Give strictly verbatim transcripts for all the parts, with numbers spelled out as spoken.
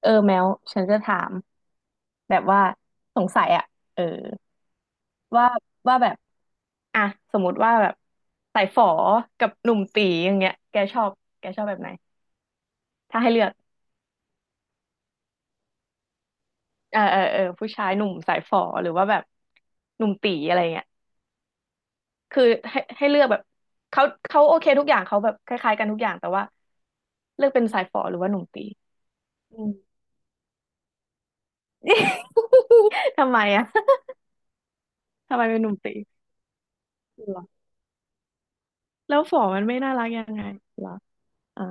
เออแมวฉันจะถามแบบว่าสงสัยอะเออว่าว่าแบบอ่ะสมมติว่าแบบสายฝอกับหนุ่มตีอย่างเงี้ยแกชอบแกชอบแบบไหนถ้าให้เลือกเออเออเออผู้ชายหนุ่มสายฝอหรือว่าแบบหนุ่มตีอะไรเงี้ยคือให้ให้เลือกแบบเขาเขาโอเคทุกอย่างเขาแบบคล้ายๆกันทุกอย่างแต่ว่าเลือกเป็นสายฝอหรือว่าหนุ่มตีอืมทำไมอะ ทำไมเป็นหนุ่มตีเหรอแล้วฝอมันไม่น่ารักยังไงเหรออ่า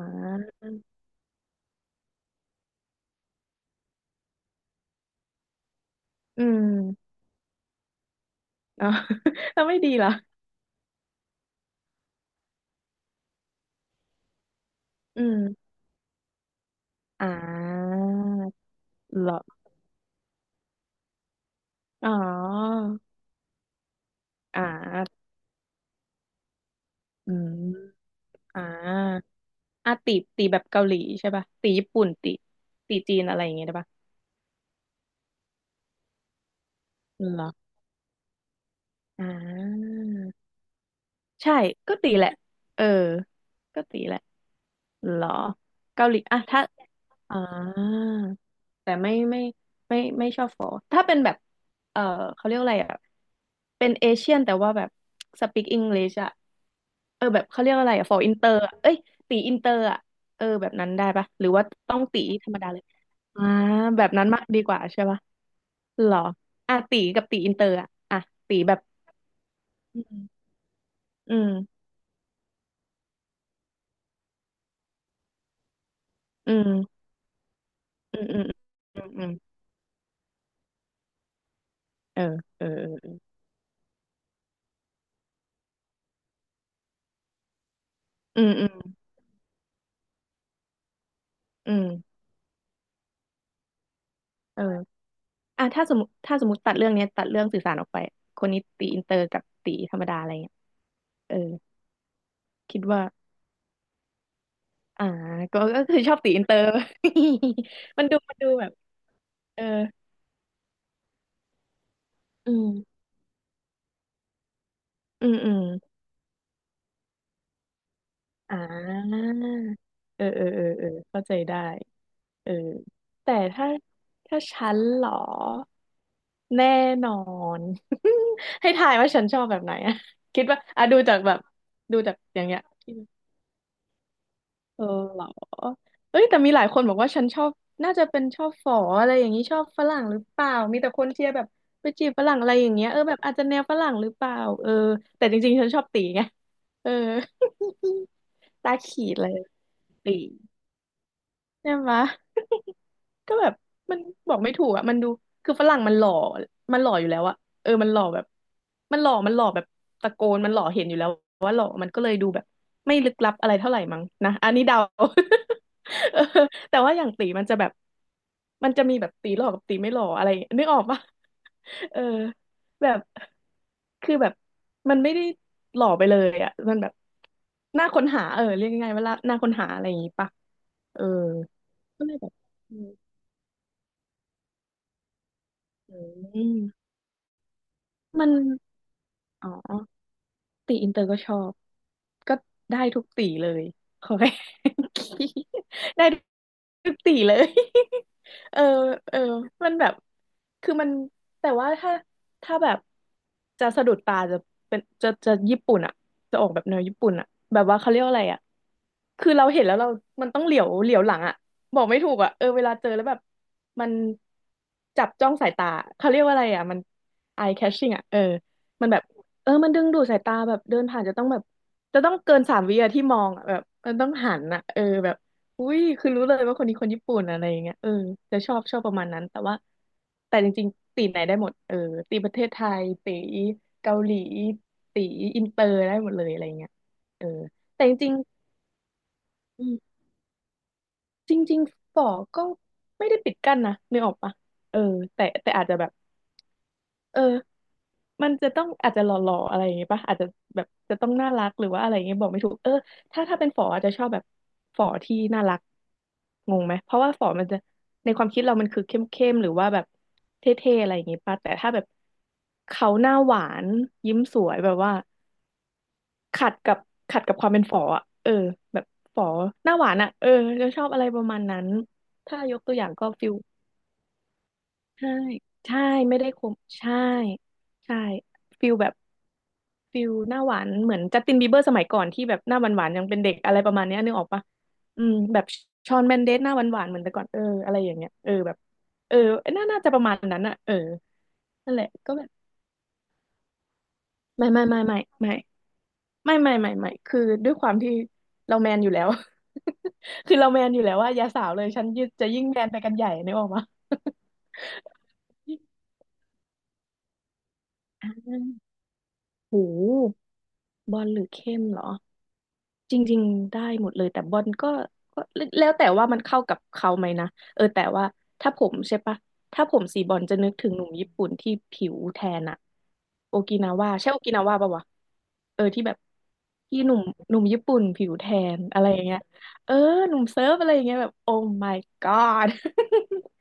อืม อ๋อ แล้วไม่ดีเหรอ อืมอ่าเหรออ๋ออ่าอืมอ่าอ่าตีตีแบบเกาหลีใช่ป่ะตีญี่ปุ่นตีตีจีนอะไรอย่างเงี้ยได้ป่ะเหรออ่าใช่ ก็ตีแหละ เออ ก็ตีแหละเหรอเกาหลี อ่ะถ้าอ่า แต่ไม่ไม่ไม่ไม่ไม่ชอบฟอถ้าเป็นแบบเออเขาเรียกอะไรอ่ะเป็นเอเชียนแต่ว่าแบบสปีกอังกฤษอ่ะเออแบบเขาเรียกอะไรอ่ะฟออินเตอร์เอ้ยตีอินเตอร์อ่ะเออแบบนั้นได้ปะหรือว่าต้องตีธรรมดาเลยอ่าแบบนั้นมากดีกว่าใช่ปะหรออ่ะตีกับตีอินเตอร์อ่ะอ่ะตีแบบอืมอืมอืมอืมอืมอืมอืมเออเออเออออืมอืมอืมเออ อ่ะถ้าสมมติถ้าสมมติตัดเรื่องเนี้ยตัดเรื่องสื่อสารออกไปคนนี้ตีอินเตอร์กับตีธรรมดาอะไรเงี้ยเออคิดว่าอ่าก็ก็คือชอบตีอินเตอร์ มันดูมันดูแบบเอออืมอืมอืมอ่าเออเออเออเออเข้าใจได้เออแต่ถ้าถ้าฉันเหรอแน่นอน ให้ทายว่าฉันชอบแบบไหนอะคิดว่าอ่ะดูจากแบบดูจากอย่างเงี้ย เออเหรอเอ้ยแต่มีหลายคนบอกว่าฉันชอบน่าจะเป็นชอบฝออะไรอย่างนี้ชอบฝรั่งหรือเปล่ามีแต่คนเชียร์แบบไปจีบฝรั่งอะไรอย่างเงี้ยเออแบบอาจจะแนวฝรั่งหรือเปล่าเออแต่จริงๆฉันชอบตีไงเออ ตาขีดเลยตีใช่ไหม ก็แบบมันบอกไม่ถูกอ่ะมันดูคือฝรั่งมันหล่อมันหล่ออยู่แล้วอ่ะเออมันหล่อแบบมันหล่อมันหล่อแบบตะโกนมันหล่อเห็นอยู่แล้วว่าหล่อมันก็เลยดูแบบไม่ลึกลับอะไรเท่าไหร่มั้งนะอันนี้เดา เออแต่ว่าอย่างตีมันจะแบบมันจะมีแบบตีหล่อกับตีไม่หล่ออะไรนึกออกปะ เออแบบคือแบบมันไม่ได้หล่อไปเลยอ่ะมันแบบน่าค้นหาเออเรียกง่ายๆว่าน่าค้นหาอะไรอย่างงี้ปะเออก็เลยแบบ อืมมันอ๋อ ตีอินเตอร์ก็ชอบก็ได้ทุกตีเลยขอให้ ได้ทุกตีเลย เออเออมันแบบคือมันแต่ว่าถ้าถ้าแบบจะสะดุดตาจะเป็นจะจะญี่ปุ่นอ่ะจะออกแบบแนวญี่ปุ่นอ่ะแบบว่าเขาเรียกว่าอะไรอ่ะคือเราเห็นแล้วเรามันต้องเหลียวเหลียวหลังอ่ะบอกไม่ถูกอ่ะเออเวลาเจอแล้วแบบมันจับจ้องสายตาเขาเรียกว่าอะไรอ่ะมัน eye catching อ่ะเออมันแบบ เออมันดึงดูดสายตาแบบเดินผ่านจะต้องแบบจะต้องเกินสามวิอะที่มองอะแบบมันต้องหันอะเออแบบอุ้ยคือรู้เลยว่าคนนี้คนญี่ปุ่นอะไรอย่างเงี้ยเออจะชอบชอบประมาณนั้นแต่ว่าแต่จริงๆตีไหนได้หมดเออตีประเทศไทยตีเกาหลีตีอินเตอร์ได้หมดเลยอะไรอย่างเงี้ยเออแต่จริงๆอืมจริงๆฝอก็ไม่ได้ปิดกั้นนะนึกออกปะเออแต่แต่อาจจะแบบเออ มันจะต้องอาจจะหล่อๆอะไรอย่างงี้ป่ะอาจจะแบบจะต้องน่ารักหรือว่าอะไรอย่างเงี้ยบอกไม่ถูกเออถ้าถ้าเป็นฝออาจจะชอบแบบฝอที่น่ารักงงไหมเพราะว่าฝอมันจะในความคิดเรามันคือเข้มๆหรือว่าแบบเท่ๆอะไรอย่างงี้ป่ะแต่ถ้าแบบเขาหน้าหวานยิ้มสวยแบบว่าขัดกับขัดกับความเป็นฝออ่ะเออแบบฝอหน้าหวานอ่ะเออจะชอบอะไรประมาณนั้นถ้ายกตัวอย่างก็ฟิลใช่ใช่ไม่ได้คมใช่ใช่ฟิลแบบ ฟิลหน้าหวานเหมือนจัสตินบีเบอร์สมัยก่อนที่แบบหน้าหวานหวานยังเป็นเด็กอะไรประมาณเนี้ยนึกออกปะอืมแบบชอนแมนเดสหน้าหวานหวานเหมือนแต่ก่อนเอออะไรอย่างเงี้ยเออแบบเออน่าน่าจะประมาณนั้นอะเออนั่นแหละก็แบบไม่ไม่ไม่ไม่ไม่ไม่ไม่ไม่ไม่คือด้วยความที่เราแมนอยู่แล้ว คือเราแมนอยู่แล้วว่าอย่าสาวเลยฉันยิ่งจะยิ่งแมนไปกันใหญ่นึกออกปะ โหบอลหรือเข้มเหรอ จริงๆได้หมดเลยแต่บอลก็ก็แล้วแต่ว่ามันเข้ากับเขาไหมนะเออแต่ว่าถ้าผมใช่ปะถ้าผมสีบอลจะนึกถึงหนุ่มญี่ปุ่นที่ผิวแทนอะโอกินาวาใช่โอกินาวาปะวะเออที่แบบที่หนุ่มหนุ่มญี่ปุ่นผิวแทนอะไรอย่างเงี้ยเออหนุ่มเซิร์ฟอะไรอย่างเงี้ยแบบโอ้ my god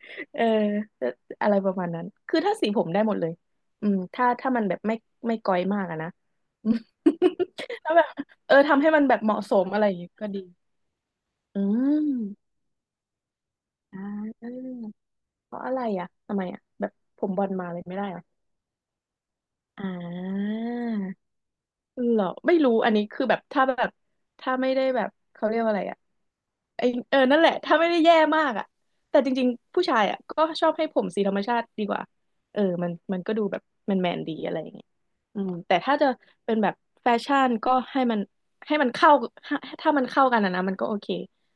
เอออะไรประมาณนั้นคือถ้าสีผมได้หมดเลยอืมถ้าถ้ามันแบบไม่ไม่ก้อยมากอะนะ ถ้าแบบ เออทำให้มันแบบเหมาะสมอะไรอย่างเงี้ยก็ดี อืม อ่าเพราะอะไรอ่ะทำไมอ่ะแบบผมบอลมาเลยไม่ได้เหรอ อ่าเหรอ ไม่รู้อันนี้คือแบบถ้าแบบถ้าไม่ได้แบบเขาเรียกว่าอะไรอ่ะ ไอเออ นั่นแหละ ถ้าไม่ได้แย่มากอ่ะแต่จริงๆ ผู้ชายอ่ะก็ชอบให้ผมสีธรรมชาติดีกว่า เออ มันมันก็ดูแบบแมนแมนดีอะไรอย่างเงี้ยอืมแต่ถ้าจะเป็นแบบแฟชั่นก็ให้มันให้มันเข้าถ้าถ้ามันเข้ากันอะนะ มันก็โอเค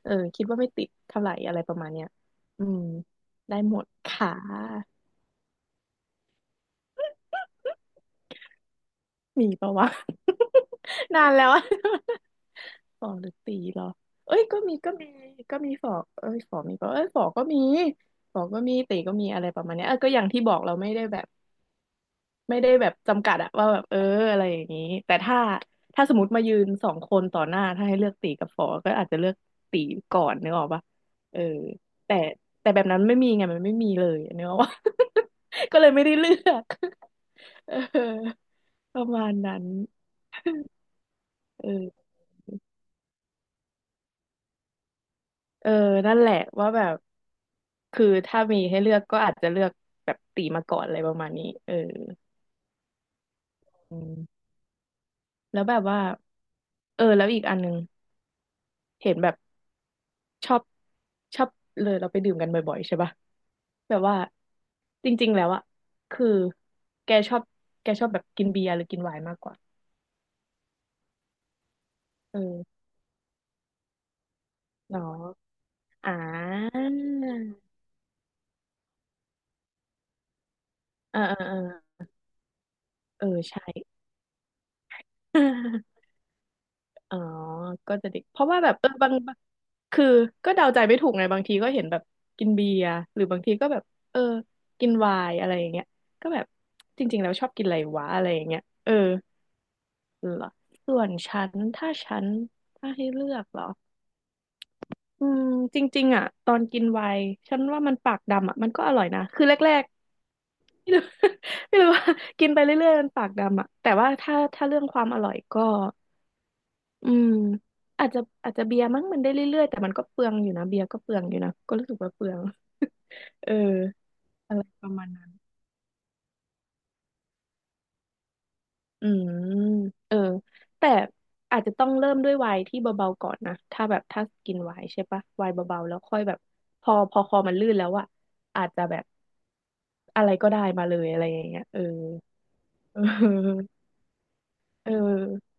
เออ คิดว่าไม่ติดเท่าไหร่อะไรประมาณเนี้ยอืมได้หมดค่ะ มีปะวะ นานแล้วอะ ฝอหรือตีเหรอเอ้ยก็มีก็มีก็มีฝอเอ้ยฝอมีปะเอ้ยฝอก็มีฝอก็มีตีก็มีอะไรประมาณเนี้ยเออก็อย่างที่บอกเราไม่ได้แบบไม่ได้แบบจำกัดอะว่าแบบเอออะไรอย่างนี้แต่ถ้าถ้าสมมติมายืนสองคนต่อหน้าถ้าให้เลือกตีกับฝอก็อาจจะเลือกตีก่อนนึกออกปะเออแต่แต่แบบนั้นไม่มีไงมันไม่มีเลยนึกออกปะ ก็เลยไม่ได้เลือก เออประมาณนั้นเออ เออนั่นแหละว่าแบบ คือถ้ามีให้เลือกก็อาจจะเลือกแบบตีมาก่อนอะไรประมาณนี้เอออืมแล้วแบบว่า เออแล้วอีกอันหนึงเห็นแบบชอบชอบเลยเราไปดื่มกันบ่อยๆใช่ปะ แบบว่าจริงๆแล้วอะคือแกชอบแกชอบแบบกินเบียร์หรือกินไวน์มากกว่าเออเนอะอ่าเออเออเออเออใช่ อ๋อก็จะดิเพราะว่าแบบเออบางบางคือก็เดาใจไม่ถูกไงบางทีก็เห็นแบบกินเบียร์หรือบางทีก็แบบเออกินไวน์อะไรอย่างเงี้ยก็แบบจริงๆแล้วชอบกินอะไรวะอะไรอย่างเงี้ยเออเหรอส่วนฉันถ้าฉันถ้าให้เลือกเหรออืมจริงๆอ่ะตอนกินไวน์ฉันว่ามันปากดำอ่ะมันก็อร่อยนะคือแรกๆไม่รู้ ไม่รู้ว่ากินไปเรื่อยๆมันปากดำอ่ะแต่ว่าถ้าถ้าเรื่องความอร่อยก็ อืมอาจจะอาจจะเบียร์มั้งมันได้เรื่อยๆแต่มันก็เปลืองอยู่นะเบียร์ก็เปลืองอยู่นะก็รู้สึกว่าเปลืองเอออะไรประมาณนั้นอืมเออแต่อาจจะต้องเริ่มด้วยไวน์ที่เบาๆก่อนนะถ้าแบบถ้ากินไวน์ใช่ปะไวน์เบาๆแล้วค่อยแบบพอพอคอมันลื่นแล้วอะอาจจะแบบอะไรก็ได้มาเลยอะไรอย่างเงี้ยเออเออเออ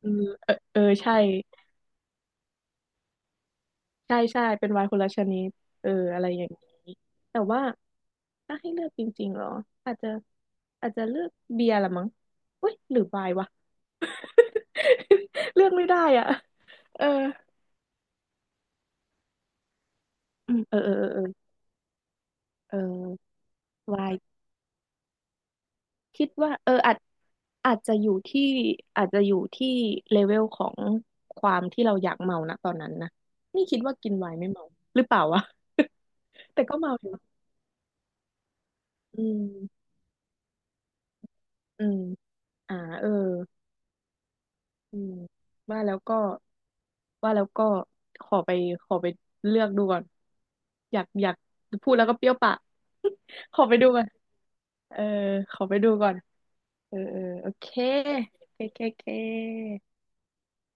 เออเออใช่ ใช่ใช่เป็นไวน์คนละชนิดเอออะไรอย่างนี้แต่ว่าถ้าให้เลือกจริงๆเหรออาจจะอาจจะเลือกเบียร์ละมั้งเว้ยหรือไวน์วะ เลือกไม่ได้อ่ะเอออืมเออเออเออเออเออวายคิดว่าเอออาจอาจจะอยู่ที่อาจจะอยู่ที่เลเวลของความที่เราอยากเมานะตอนนั้นนะนี่คิดว่ากินไวน์ไม่เมาหรือเปล่าวะ แต่ก็เมาอยู่อืมอืมอ่าเออ อืมว่าแล้วก็ว่าแล้วก็ขอไปขอไปเลือกดูก่อนอยากอยากพูดแล้วก็เปรี้ยวปาก ขอไปดูก่อนเออขอไปดูก่อนเออเออโอเคโอเคโอเคโอเค